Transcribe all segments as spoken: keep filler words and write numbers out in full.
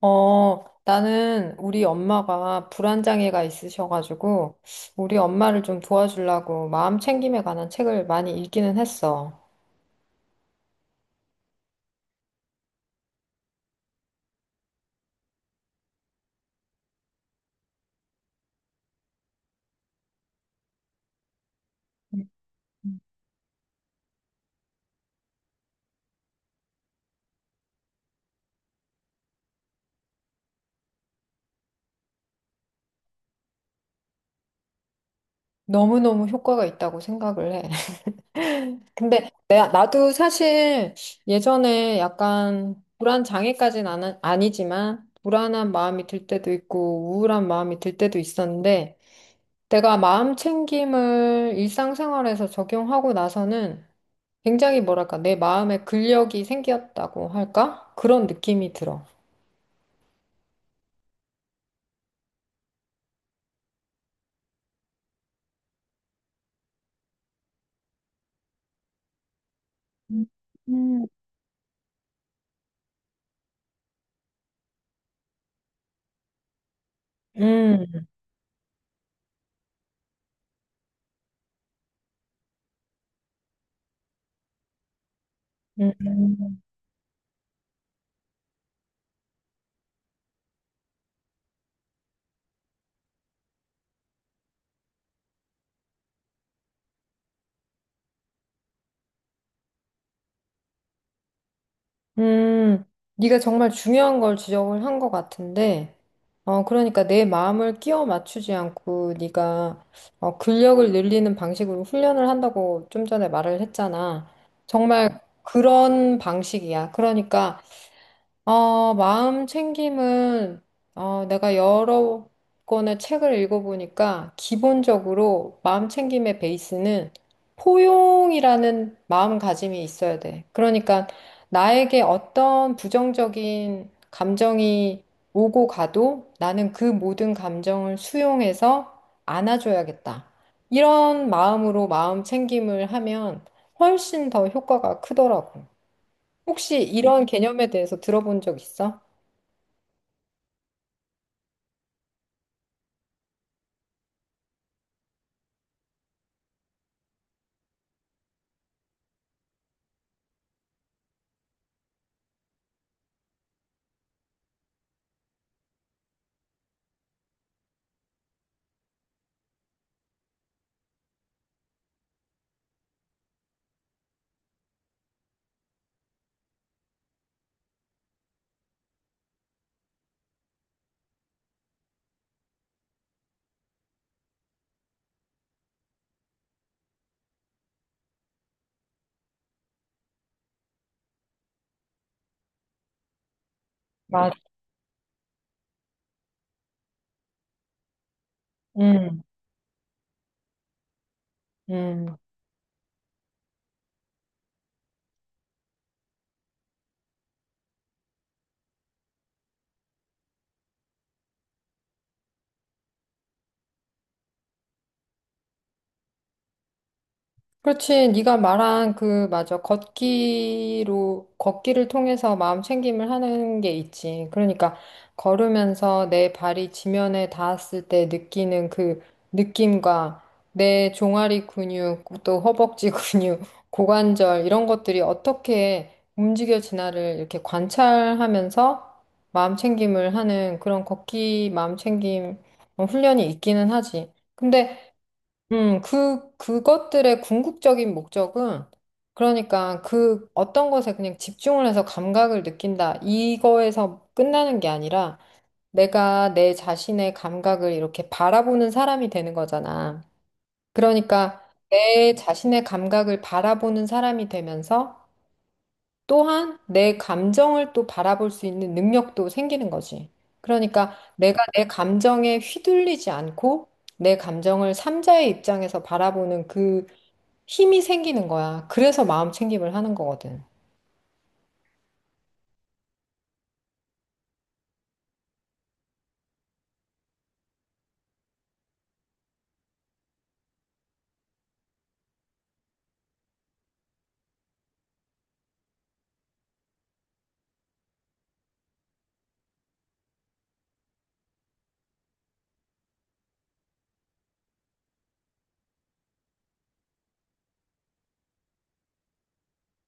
어, 나는 우리 엄마가 불안장애가 있으셔가지고, 우리 엄마를 좀 도와주려고 마음 챙김에 관한 책을 많이 읽기는 했어. 너무너무 효과가 있다고 생각을 해. 근데 내, 나도 사실 예전에 약간 불안장애까지는 아는- 아니지만, 불안한 마음이 들 때도 있고, 우울한 마음이 들 때도 있었는데, 내가 마음 챙김을 일상생활에서 적용하고 나서는 굉장히 뭐랄까, 내 마음에 근력이 생겼다고 할까? 그런 느낌이 들어. 음, 음, 음, 음, 음. 네가 정말 중요한 걸 지적을 한 것 같은데, 어, 그러니까 내 마음을 끼워 맞추지 않고 네가 어, 근력을 늘리는 방식으로 훈련을 한다고 좀 전에 말을 했잖아. 정말 그런 방식이야. 그러니까 어, 마음 챙김은 어, 내가 여러 권의 책을 읽어보니까 기본적으로 마음 챙김의 베이스는 포용이라는 마음가짐이 있어야 돼. 그러니까 나에게 어떤 부정적인 감정이 오고 가도 나는 그 모든 감정을 수용해서 안아줘야겠다. 이런 마음으로 마음 챙김을 하면 훨씬 더 효과가 크더라고. 혹시 이런 개념에 대해서 들어본 적 있어? 맞아. 음, 음. 그렇지. 네가 말한 그 맞아. 걷기로 걷기를 통해서 마음 챙김을 하는 게 있지. 그러니까 걸으면서 내 발이 지면에 닿았을 때 느끼는 그 느낌과 내 종아리 근육, 또 허벅지 근육, 고관절 이런 것들이 어떻게 움직여지나를 이렇게 관찰하면서 마음 챙김을 하는 그런 걷기 마음 챙김 훈련이 있기는 하지. 근데 음, 그, 그것들의 궁극적인 목적은, 그러니까 그 어떤 것에 그냥 집중을 해서 감각을 느낀다. 이거에서 끝나는 게 아니라, 내가 내 자신의 감각을 이렇게 바라보는 사람이 되는 거잖아. 그러니까 내 자신의 감각을 바라보는 사람이 되면서, 또한 내 감정을 또 바라볼 수 있는 능력도 생기는 거지. 그러니까 내가 내 감정에 휘둘리지 않고, 내 감정을 삼자의 입장에서 바라보는 그 힘이 생기는 거야. 그래서 마음 챙김을 하는 거거든.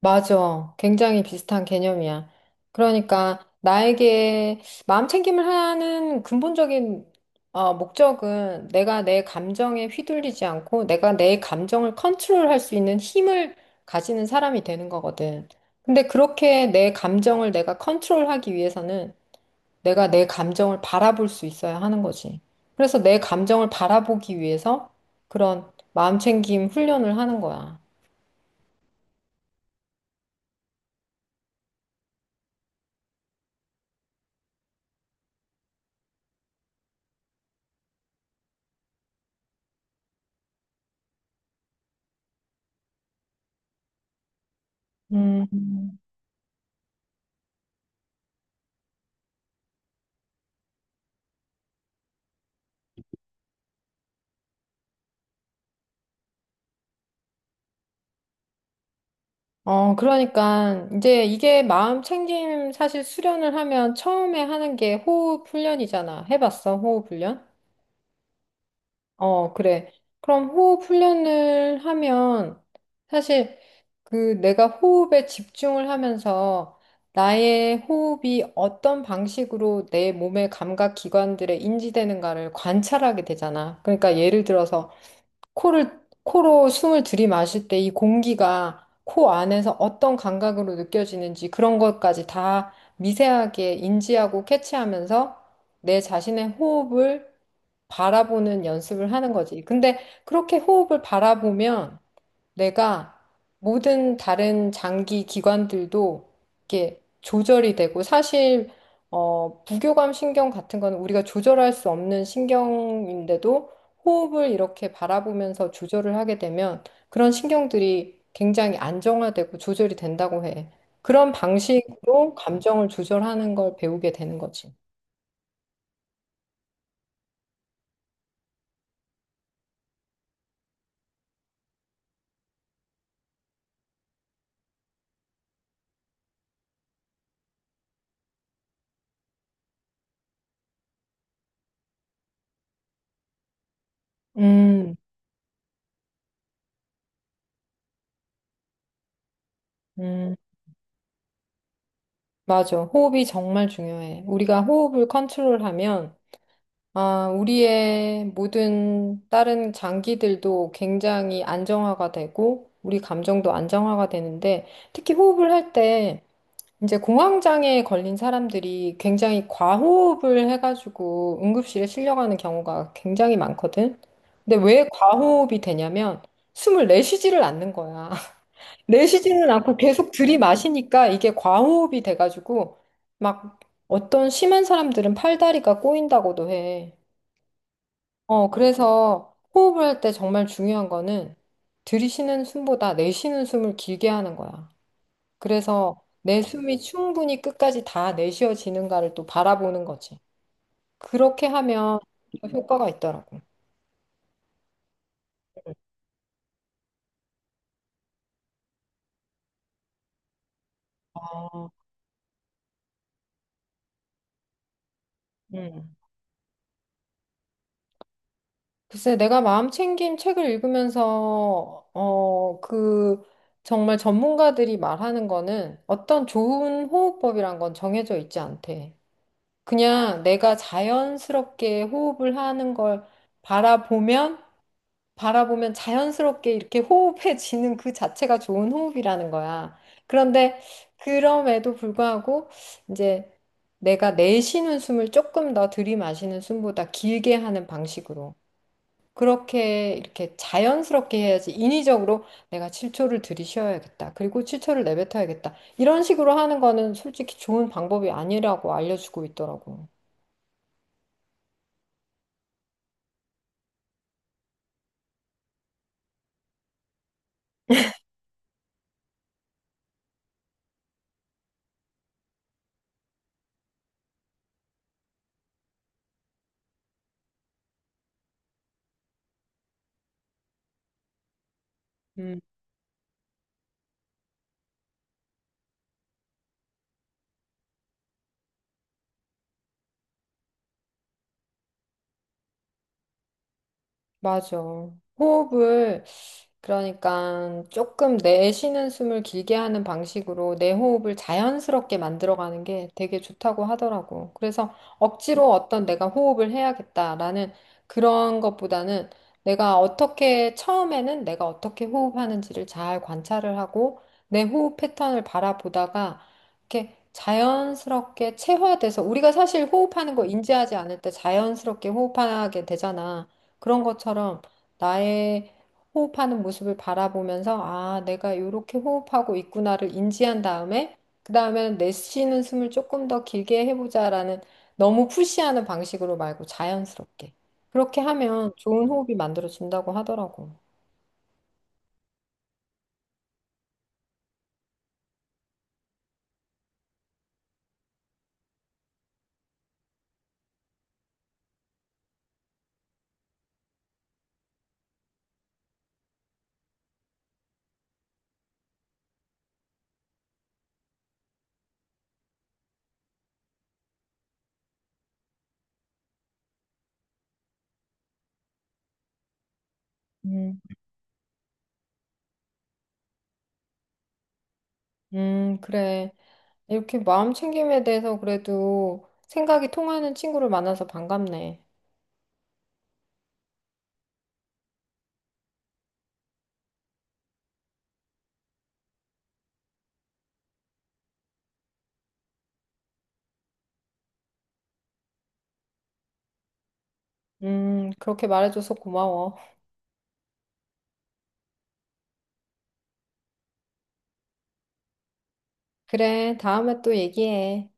맞아. 굉장히 비슷한 개념이야. 그러니까 나에게 마음 챙김을 하는 근본적인 어, 목적은 내가 내 감정에 휘둘리지 않고 내가 내 감정을 컨트롤할 수 있는 힘을 가지는 사람이 되는 거거든. 근데 그렇게 내 감정을 내가 컨트롤하기 위해서는 내가 내 감정을 바라볼 수 있어야 하는 거지. 그래서 내 감정을 바라보기 위해서 그런 마음챙김 훈련을 하는 거야. 음. 어, 그러니까 이제 이게 마음챙김 사실 수련을 하면 처음에 하는 게 호흡 훈련이잖아. 해봤어, 호흡 훈련? 어, 그래. 그럼 호흡 훈련을 하면 사실 그 내가 호흡에 집중을 하면서 나의 호흡이 어떤 방식으로 내 몸의 감각 기관들에 인지되는가를 관찰하게 되잖아. 그러니까 예를 들어서 코를, 코로 숨을 들이마실 때 이 공기가 코 안에서 어떤 감각으로 느껴지는지 그런 것까지 다 미세하게 인지하고 캐치하면서 내 자신의 호흡을 바라보는 연습을 하는 거지. 근데 그렇게 호흡을 바라보면 내가 모든 다른 장기 기관들도 이게 조절이 되고 사실 어, 부교감 신경 같은 거는 우리가 조절할 수 없는 신경인데도 호흡을 이렇게 바라보면서 조절을 하게 되면 그런 신경들이 굉장히 안정화되고 조절이 된다고 해. 그런 방식으로 감정을 조절하는 걸 배우게 되는 거지. 음, 음. 맞아. 호흡이 정말 중요해. 우리가 호흡을 컨트롤하면, 아, 우리의 모든 다른 장기들도 굉장히 안정화가 되고, 우리 감정도 안정화가 되는데, 특히 호흡을 할 때, 이제 공황장애에 걸린 사람들이 굉장히 과호흡을 해가지고 응급실에 실려가는 경우가 굉장히 많거든. 근데 왜 과호흡이 되냐면, 숨을 내쉬지를 않는 거야. 내쉬지는 않고 계속 들이마시니까 이게 과호흡이 돼가지고 막 어떤 심한 사람들은 팔다리가 꼬인다고도 해. 어, 그래서 호흡을 할 때 정말 중요한 거는 들이쉬는 숨보다 내쉬는 숨을 길게 하는 거야. 그래서 내 숨이 충분히 끝까지 다 내쉬어지는가를 또 바라보는 거지. 그렇게 하면 효과가 있더라고. 아, 음. 글쎄, 내가 마음챙김 책을 읽으면서, 어, 그, 정말 전문가들이 말하는 거는 어떤 좋은 호흡법이란 건 정해져 있지 않대. 그냥 내가 자연스럽게 호흡을 하는 걸 바라보면, 바라보면 자연스럽게 이렇게 호흡해지는 그 자체가 좋은 호흡이라는 거야. 그런데 그럼에도 불구하고, 이제 내가 내쉬는 숨을 조금 더 들이마시는 숨보다 길게 하는 방식으로. 그렇게 이렇게 자연스럽게 해야지 인위적으로 내가 칠 초를 들이쉬어야겠다. 그리고 칠 초를 내뱉어야겠다. 이런 식으로 하는 거는 솔직히 좋은 방법이 아니라고 알려주고 있더라고. 맞아. 호흡을, 그러니까 조금 내쉬는 숨을 길게 하는 방식으로 내 호흡을 자연스럽게 만들어가는 게 되게 좋다고 하더라고. 그래서 억지로 어떤 내가 호흡을 해야겠다라는 그런 것보다는 내가 어떻게, 처음에는 내가 어떻게 호흡하는지를 잘 관찰을 하고 내 호흡 패턴을 바라보다가 이렇게 자연스럽게 체화돼서 우리가 사실 호흡하는 거 인지하지 않을 때 자연스럽게 호흡하게 되잖아. 그런 것처럼 나의 호흡하는 모습을 바라보면서 아, 내가 이렇게 호흡하고 있구나를 인지한 다음에 그 다음에는 내쉬는 숨을 조금 더 길게 해보자라는 너무 푸시하는 방식으로 말고 자연스럽게 그렇게 하면 좋은 호흡이 만들어진다고 하더라고. 음, 음, 그래. 이렇게 마음 챙김에 대해서 그래도 생각이 통하는 친구를 만나서 반갑네. 음, 그렇게 말해줘서 고마워. 그래, 다음에 또 얘기해.